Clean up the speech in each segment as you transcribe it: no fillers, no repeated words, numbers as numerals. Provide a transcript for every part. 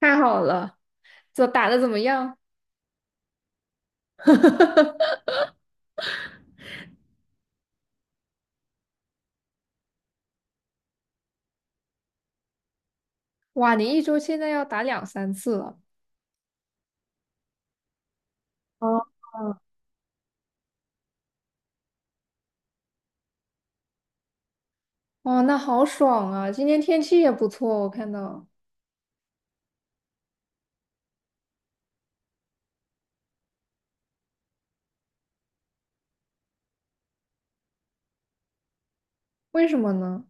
太好了，这打的怎么样？哇，你一周现在要打两三次了，哦，哇，那好爽啊！今天天气也不错，我看到，为什么呢？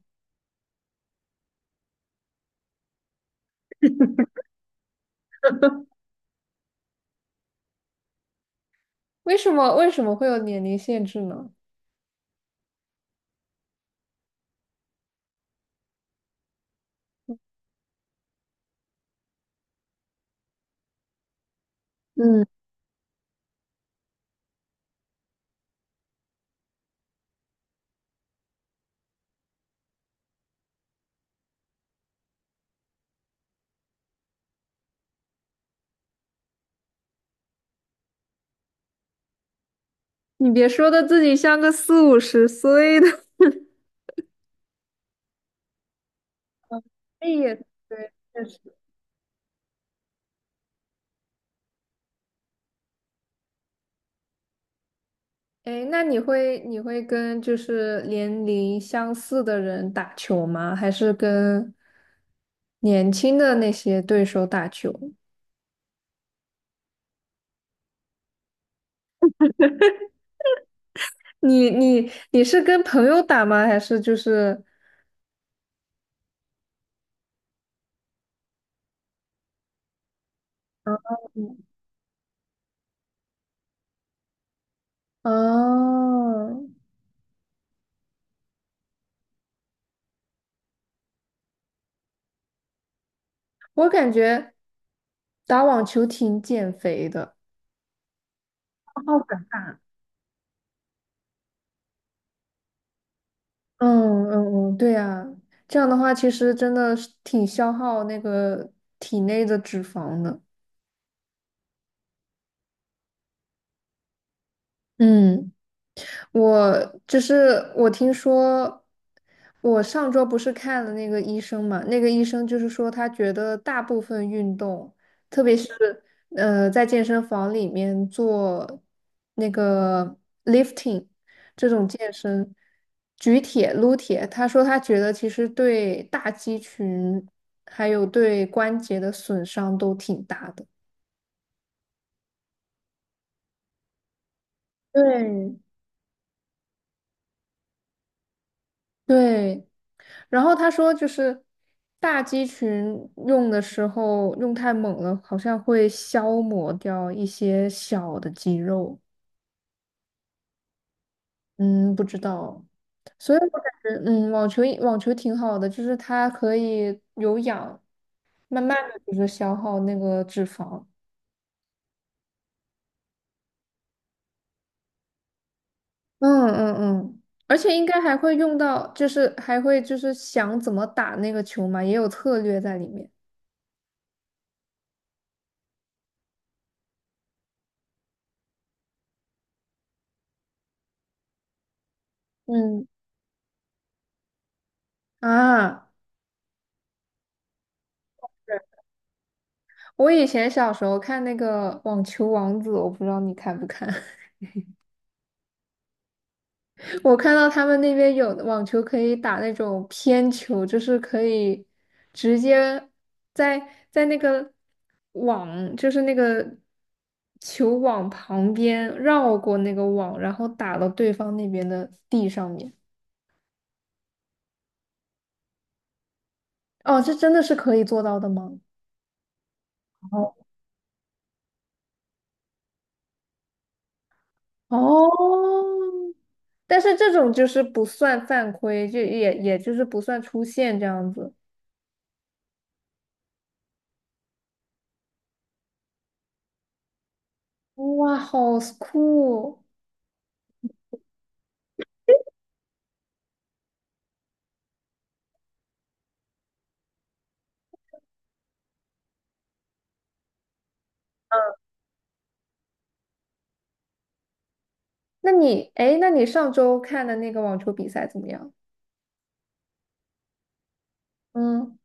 为什么会有年龄限制呢？嗯，你别说的自己像个四五十岁的。哎也对，确实。哎，那你会跟就是年龄相似的人打球吗？还是跟年轻的那些对手打球？你是跟朋友打吗？还是就是啊哦，我感觉打网球挺减肥的。好感大嗯嗯嗯，对呀，这样的话其实真的是挺消耗那个体内的脂肪的。嗯。我就是我听说，我上周不是看了那个医生嘛，那个医生就是说他觉得大部分运动，特别是在健身房里面做那个 lifting 这种健身，举铁、撸铁，他说他觉得其实对大肌群还有对关节的损伤都挺大的。对对，然后他说，就是大肌群用的时候用太猛了，好像会消磨掉一些小的肌肉。嗯，不知道，所以我感觉，嗯，网球挺好的，就是它可以有氧，慢慢的就是消耗那个脂肪。嗯嗯嗯，而且应该还会用到，就是还会就是想怎么打那个球嘛，也有策略在里面。嗯啊。我以前小时候看那个网球王子，我不知道你看不看。我看到他们那边有网球可以打那种偏球，就是可以直接在在那个网，就是那个球网旁边绕过那个网，然后打到对方那边的地上面。哦，这真的是可以做到的吗？哦，哦，但是这种就是不算犯规，就也就是不算出线这样子。哇，好酷！那你，哎，那你上周看的那个网球比赛怎么样？嗯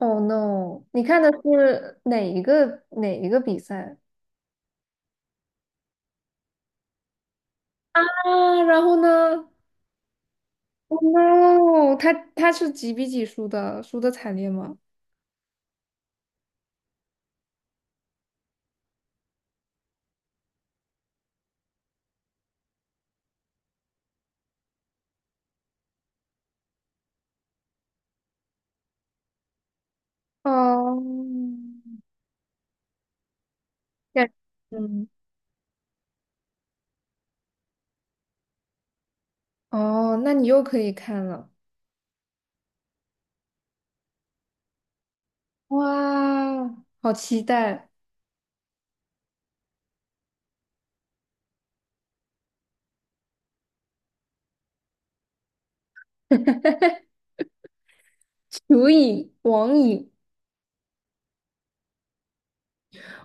，Oh no！你看的是哪一个比赛啊？然后呢？Oh no！他是几比几输的？输的惨烈吗？哦，感 嗯，哦，那你又可以看了，哇，好期待！球瘾，网影。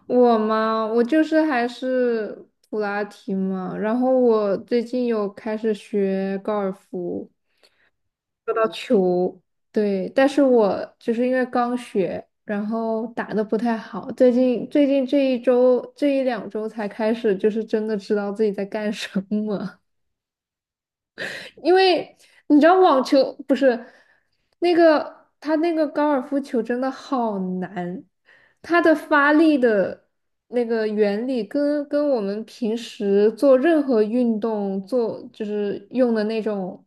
我嘛，我就是还是普拉提嘛，然后我最近有开始学高尔夫，说到球，对，但是我就是因为刚学，然后打的不太好，最近这一周这一两周才开始，就是真的知道自己在干什么。因为你知道网球不是那个他那个高尔夫球真的好难，它的发力的那个原理跟我们平时做任何运动做就是用的那种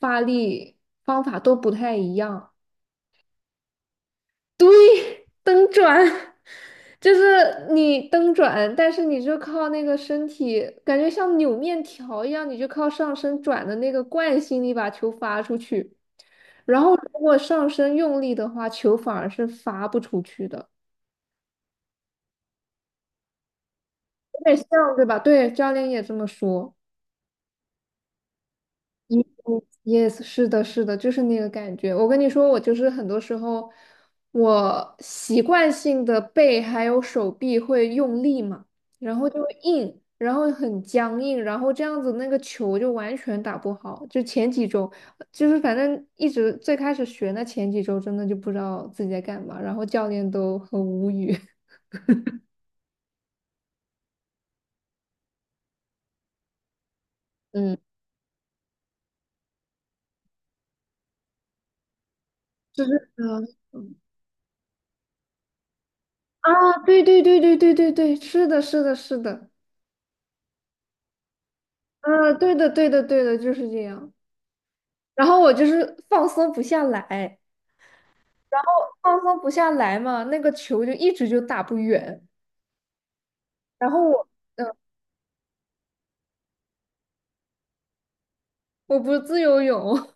发力方法都不太一样。对。蹬转，就是你蹬转，但是你就靠那个身体，感觉像扭面条一样，你就靠上身转的那个惯性力把球发出去。然后如果上身用力的话，球反而是发不出去的，有点像，对吧？对，教练也这么说。Yes, yes，是的，是的，就是那个感觉。我跟你说，我就是很多时候，我习惯性的背还有手臂会用力嘛，然后就会硬，然后很僵硬，然后这样子那个球就完全打不好。就前几周，就是反正一直最开始学那前几周，真的就不知道自己在干嘛，然后教练都很无语。嗯，就是嗯啊，对对对对对对对，是的，是的，是的。嗯，对的，对的，对的，就是这样。然后我就是放松不下来，放松不下来，那个球就一直就打不远。然后我，嗯，我不是自由泳，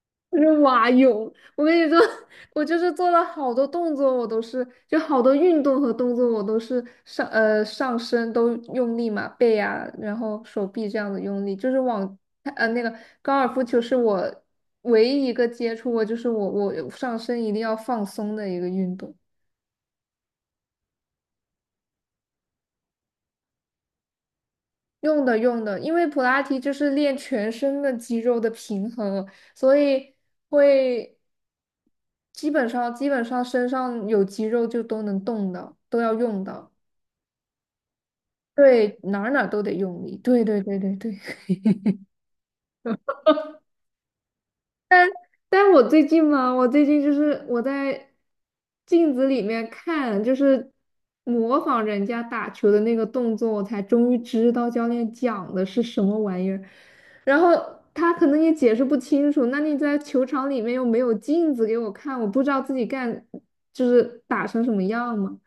我是蛙泳。我跟你说，我就是做了好多动作，我都是就好多运动和动作，我都是上上身都用力嘛，背啊，然后手臂这样子用力，就是往那个高尔夫球是我唯一一个接触过，就是我上身一定要放松的一个运动。用的用的，因为普拉提就是练全身的肌肉的平衡，所以会基本上身上有肌肉就都能动的，都要用的。对，哪儿哪儿都得用力。对对对对对。但我最近嘛，我就是我在镜子里面看，就是模仿人家打球的那个动作，我才终于知道教练讲的是什么玩意儿。然后他可能也解释不清楚，那你在球场里面又没有镜子给我看，我不知道自己干就是打成什么样嘛。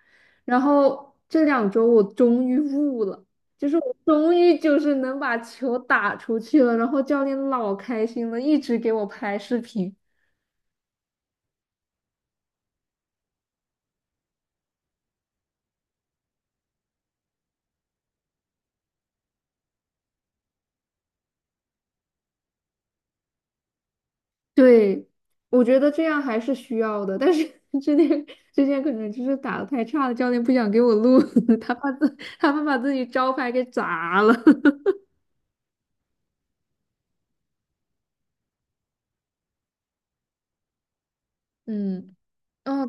然后这两周我终于悟了。就是我终于就是能把球打出去了，然后教练老开心了，一直给我拍视频。对，我觉得这样还是需要的，但是 之前之前可能就是打的太差了，教练不想给我录，他怕自他怕把自己招牌给砸了。嗯，哦，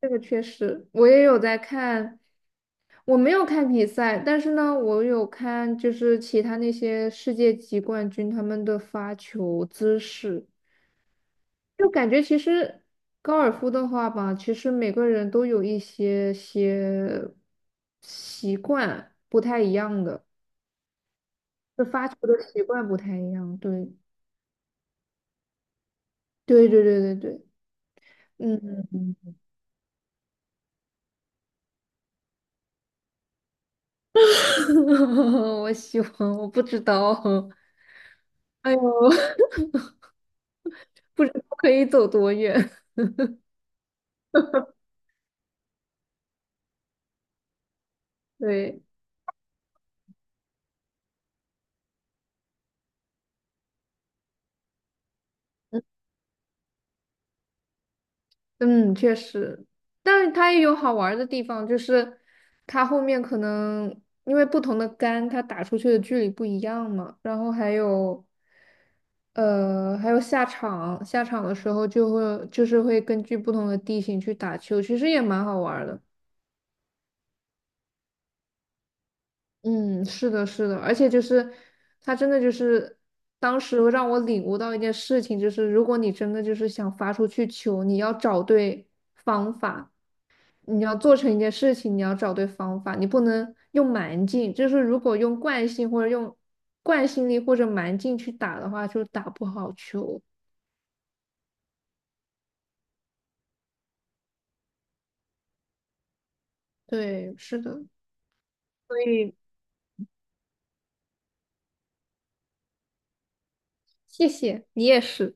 这个确实，我也有在看，我没有看比赛，但是呢，我有看就是其他那些世界级冠军他们的发球姿势。就感觉其实高尔夫的话吧，其实每个人都有一些些习惯不太一样的，就发球的习惯不太一样。对，对对对对对，嗯，我喜欢，我不知道，哎呦，不知道可以走多远。对。嗯，确实，但是它也有好玩儿的地方，就是它后面可能因为不同的杆，它打出去的距离不一样嘛，然后还有，还有下场，下场的时候就会就是会根据不同的地形去打球，其实也蛮好玩儿的。嗯，是的，是的，而且就是它真的就是当时让我领悟到一件事情，就是如果你真的就是想发出去球，你要找对方法。你要做成一件事情，你要找对方法，你不能用蛮劲。就是如果用惯性或者用惯性力或者蛮劲去打的话，就打不好球。对，是的，所以谢谢你也是。